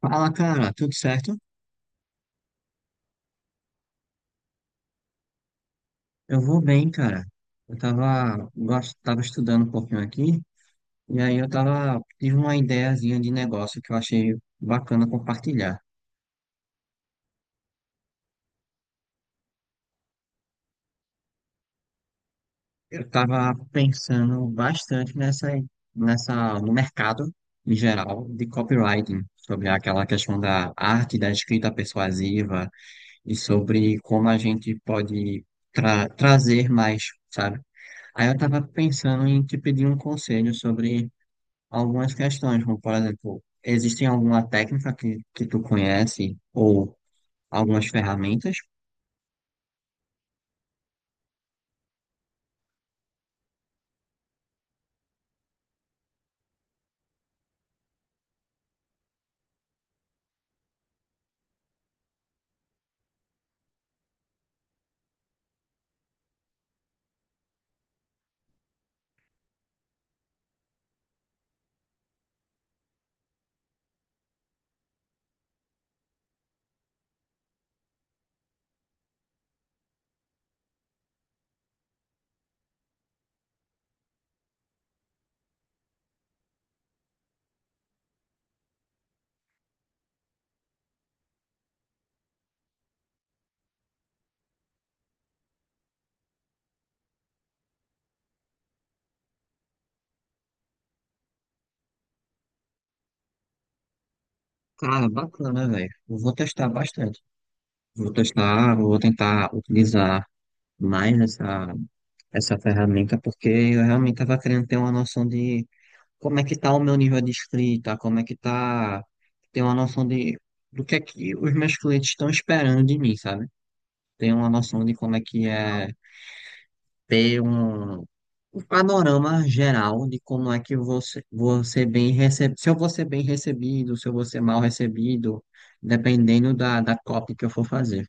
Fala, cara, tudo certo? Eu vou bem, cara. Eu tava, tava estudando um pouquinho aqui, e aí eu tava, tive uma ideiazinha de negócio que eu achei bacana compartilhar. Eu tava pensando bastante no mercado em geral de copywriting, sobre aquela questão da arte da escrita persuasiva e sobre como a gente pode trazer mais, sabe? Aí eu tava pensando em te pedir um conselho sobre algumas questões, como por exemplo, existem alguma técnica que tu conhece ou algumas ferramentas? Cara, bacana, velho. Eu vou testar bastante. Vou testar, vou tentar utilizar mais essa ferramenta, porque eu realmente estava querendo ter uma noção de como é que tá o meu nível de escrita, como é que tá, ter uma noção de do que é que os meus clientes estão esperando de mim, sabe? Ter uma noção de como é que é ter um o panorama geral de como é que você bem recebe, se eu vou ser bem recebido, se eu vou ser mal recebido, dependendo da copy que eu for fazer.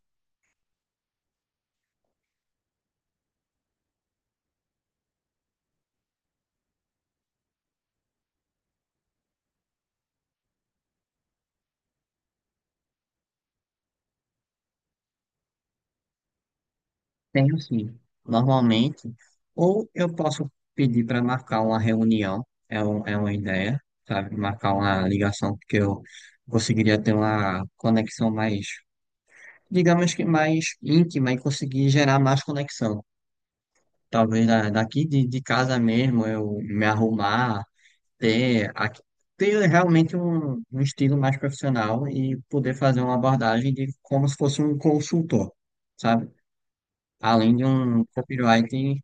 Tenho sim, normalmente. Ou eu posso pedir para marcar uma reunião, é, um, é uma ideia, sabe? Marcar uma ligação, porque eu conseguiria ter uma conexão mais, digamos que mais íntima e conseguir gerar mais conexão. Talvez daqui de casa mesmo eu me arrumar ter, ter realmente um, um estilo mais profissional e poder fazer uma abordagem de como se fosse um consultor, sabe? Além de um copywriting,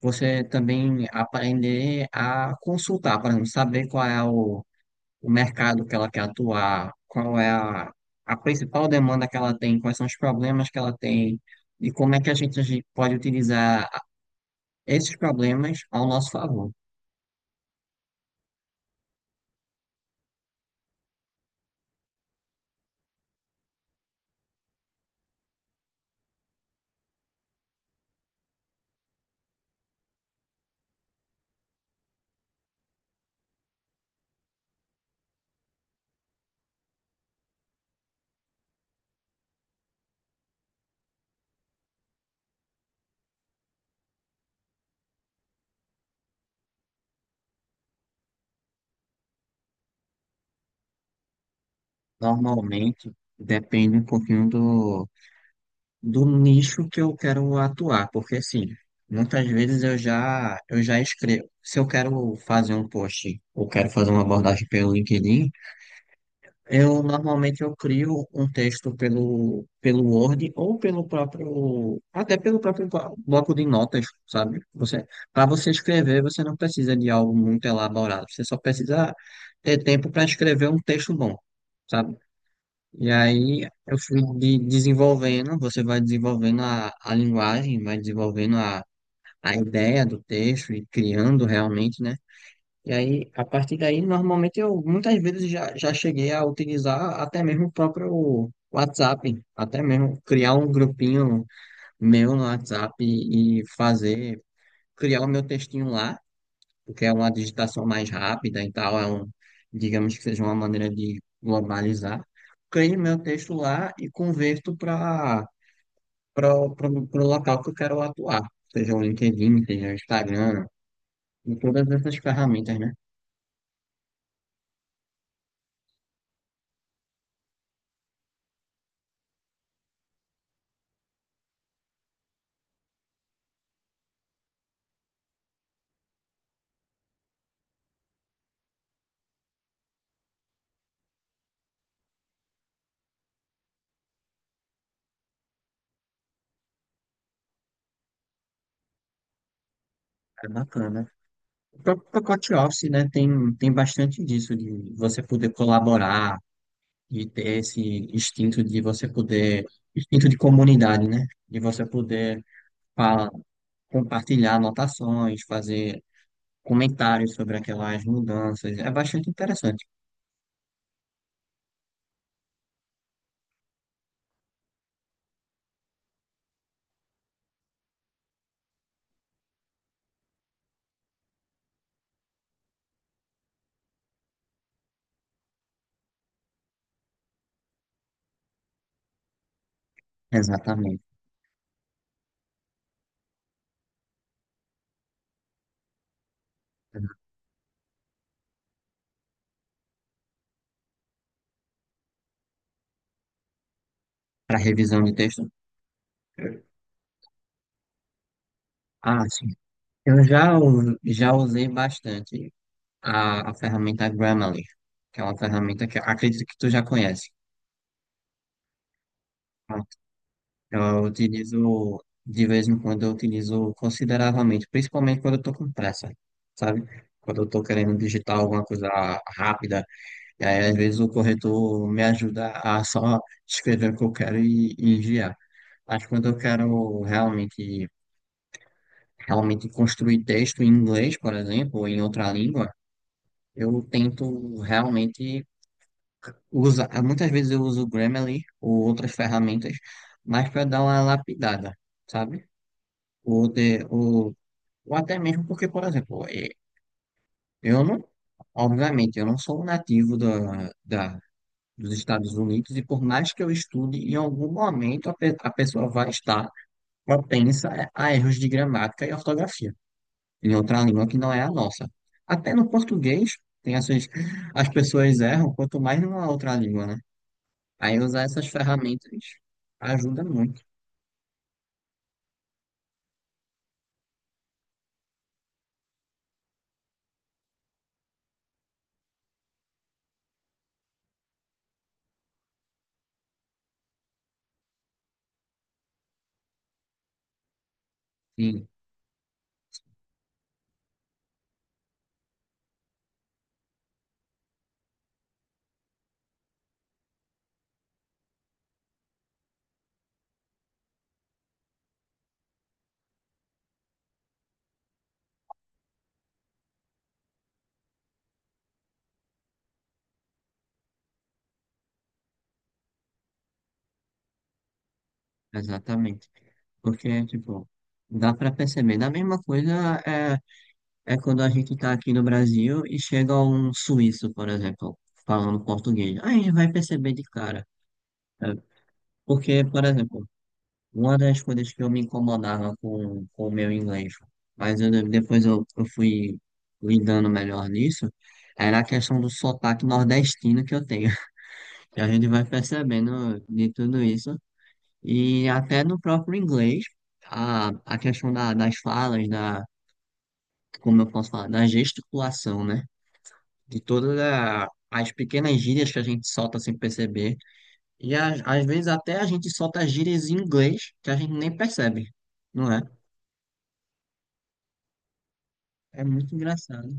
você também aprender a consultar, por exemplo, saber qual é o mercado que ela quer atuar, qual é a principal demanda que ela tem, quais são os problemas que ela tem e como é que a gente pode utilizar esses problemas ao nosso favor. Normalmente, depende um pouquinho do do nicho que eu quero atuar, porque assim, muitas vezes eu já escrevo. Se eu quero fazer um post ou quero fazer uma abordagem pelo LinkedIn, eu normalmente eu crio um texto pelo Word ou pelo próprio até pelo próprio bloco de notas, sabe? Você Para você escrever, você não precisa de algo muito elaborado, você só precisa ter tempo para escrever um texto bom, sabe? E aí eu fui desenvolvendo, você vai desenvolvendo a linguagem, vai desenvolvendo a ideia do texto e criando realmente, né? E aí, a partir daí, normalmente eu muitas vezes já cheguei a utilizar até mesmo o próprio WhatsApp, até mesmo criar um grupinho meu no WhatsApp e fazer, criar o meu textinho lá porque é uma digitação mais rápida e tal, é um, digamos que seja uma maneira de globalizar. Crio meu texto lá e converto para para o local que eu quero atuar, seja o LinkedIn, seja o Instagram, e todas essas ferramentas, né? É bacana. O próprio pacote Office, né, tem, tem bastante disso, de você poder colaborar e ter esse instinto de você poder, instinto de comunidade, né? De você poder falar, compartilhar anotações, fazer comentários sobre aquelas mudanças. É bastante interessante. Exatamente. Para revisão de texto. Ah, sim. Eu já, já usei bastante a ferramenta Grammarly, que é uma ferramenta que eu acredito que tu já conhece. Pronto. Eu utilizo, de vez em quando, eu utilizo consideravelmente, principalmente quando eu estou com pressa, sabe? Quando eu estou querendo digitar alguma coisa rápida, e aí às vezes o corretor me ajuda a só escrever o que eu quero e enviar. Mas quando eu quero realmente, realmente construir texto em inglês, por exemplo, ou em outra língua, eu tento realmente usar. Muitas vezes eu uso o Grammarly ou outras ferramentas, mas para dar uma lapidada, sabe? Ou, de, ou, ou até mesmo porque, por exemplo, eu não, obviamente, eu não sou um nativo dos Estados Unidos e por mais que eu estude, em algum momento a, a pessoa vai estar propensa a erros de gramática e ortografia em outra língua que não é a nossa. Até no português, tem essas, as pessoas erram, quanto mais numa outra língua, né? Aí usar essas ferramentas ajuda muito. Sim, exatamente. Porque, tipo, dá pra perceber. Da mesma coisa é, é quando a gente tá aqui no Brasil e chega um suíço, por exemplo, falando português. Aí a gente vai perceber de cara. É, porque, por exemplo, uma das coisas que eu me incomodava com o meu inglês, mas depois eu fui lidando melhor nisso, era a questão do sotaque nordestino que eu tenho. E a gente vai percebendo de tudo isso, e até no próprio inglês, a questão das falas, da, como eu posso falar, da gesticulação, né? De todas as pequenas gírias que a gente solta sem perceber, e às vezes até a gente solta gírias em inglês que a gente nem percebe, não é? É muito engraçado.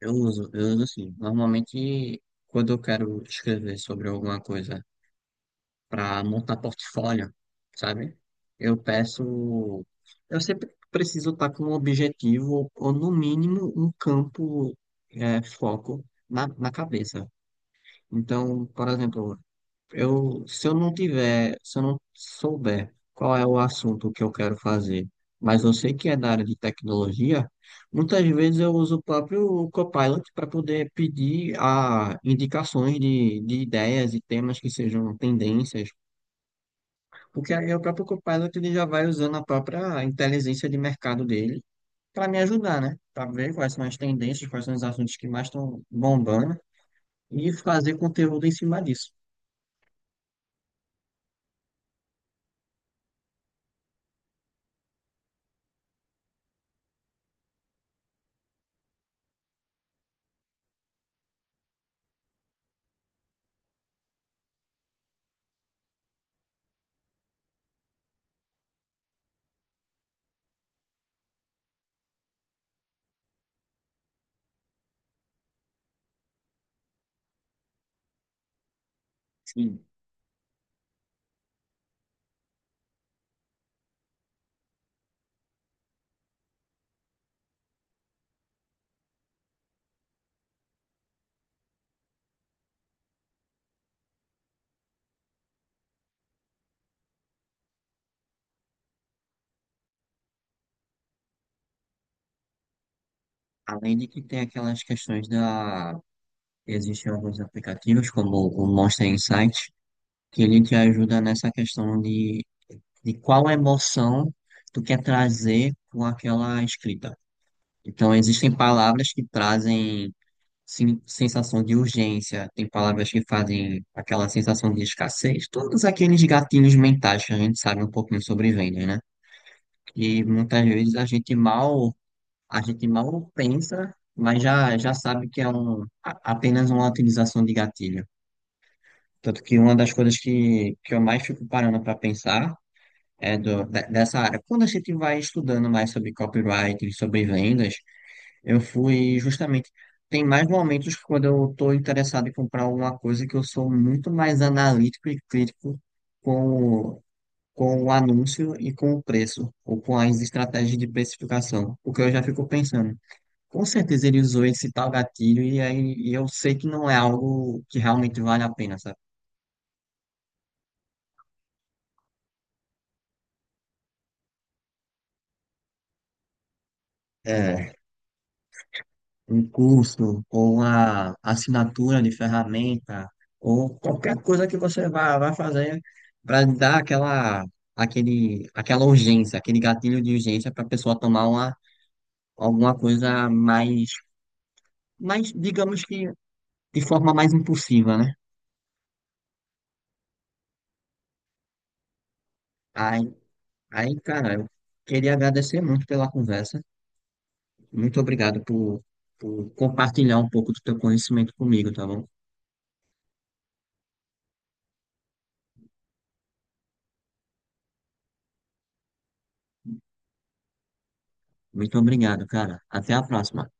Eu uso assim. Normalmente, quando eu quero escrever sobre alguma coisa para montar portfólio, sabe? Eu peço. Eu sempre preciso estar com um objetivo, ou no mínimo um campo é, foco na cabeça. Então, por exemplo, eu, se eu não tiver, se eu não souber qual é o assunto que eu quero fazer, mas eu sei que é da área de tecnologia, muitas vezes eu uso o próprio Copilot para poder pedir a indicações de ideias e temas que sejam tendências, porque aí o próprio Copilot ele já vai usando a própria inteligência de mercado dele para me ajudar, né? Para ver quais são as tendências, quais são os assuntos que mais estão bombando e fazer conteúdo em cima disso. Além de que tem aquelas questões da. Existem alguns aplicativos, como o Monster Insight, que ele te ajuda nessa questão de qual emoção tu quer trazer com aquela escrita. Então, existem palavras que trazem sim, sensação de urgência, tem palavras que fazem aquela sensação de escassez, todos aqueles gatilhos mentais que a gente sabe um pouquinho sobre vendas, né? E muitas vezes a gente mal a gente mal pensa, mas já sabe que é um, apenas uma utilização de gatilho. Tanto que uma das coisas que eu mais fico parando para pensar é do, dessa área. Quando a gente vai estudando mais sobre copyright, sobre vendas, eu fui justamente. Tem mais momentos que quando eu estou interessado em comprar alguma coisa que eu sou muito mais analítico e crítico com, o- com o anúncio e com o preço, ou com as estratégias de precificação. Porque eu já fico pensando. Com certeza ele usou esse tal gatilho e aí e eu sei que não é algo que realmente vale a pena, sabe? É, um curso ou uma assinatura de ferramenta ou qualquer coisa que você vá fazer para dar aquela, aquele, aquela urgência, aquele gatilho de urgência para a pessoa tomar uma, alguma coisa mais, mais, digamos que de forma mais impulsiva, né? Aí, aí, cara, eu queria agradecer muito pela conversa. Muito obrigado por compartilhar um pouco do teu conhecimento comigo, tá bom? Muito obrigado, cara. Até a próxima.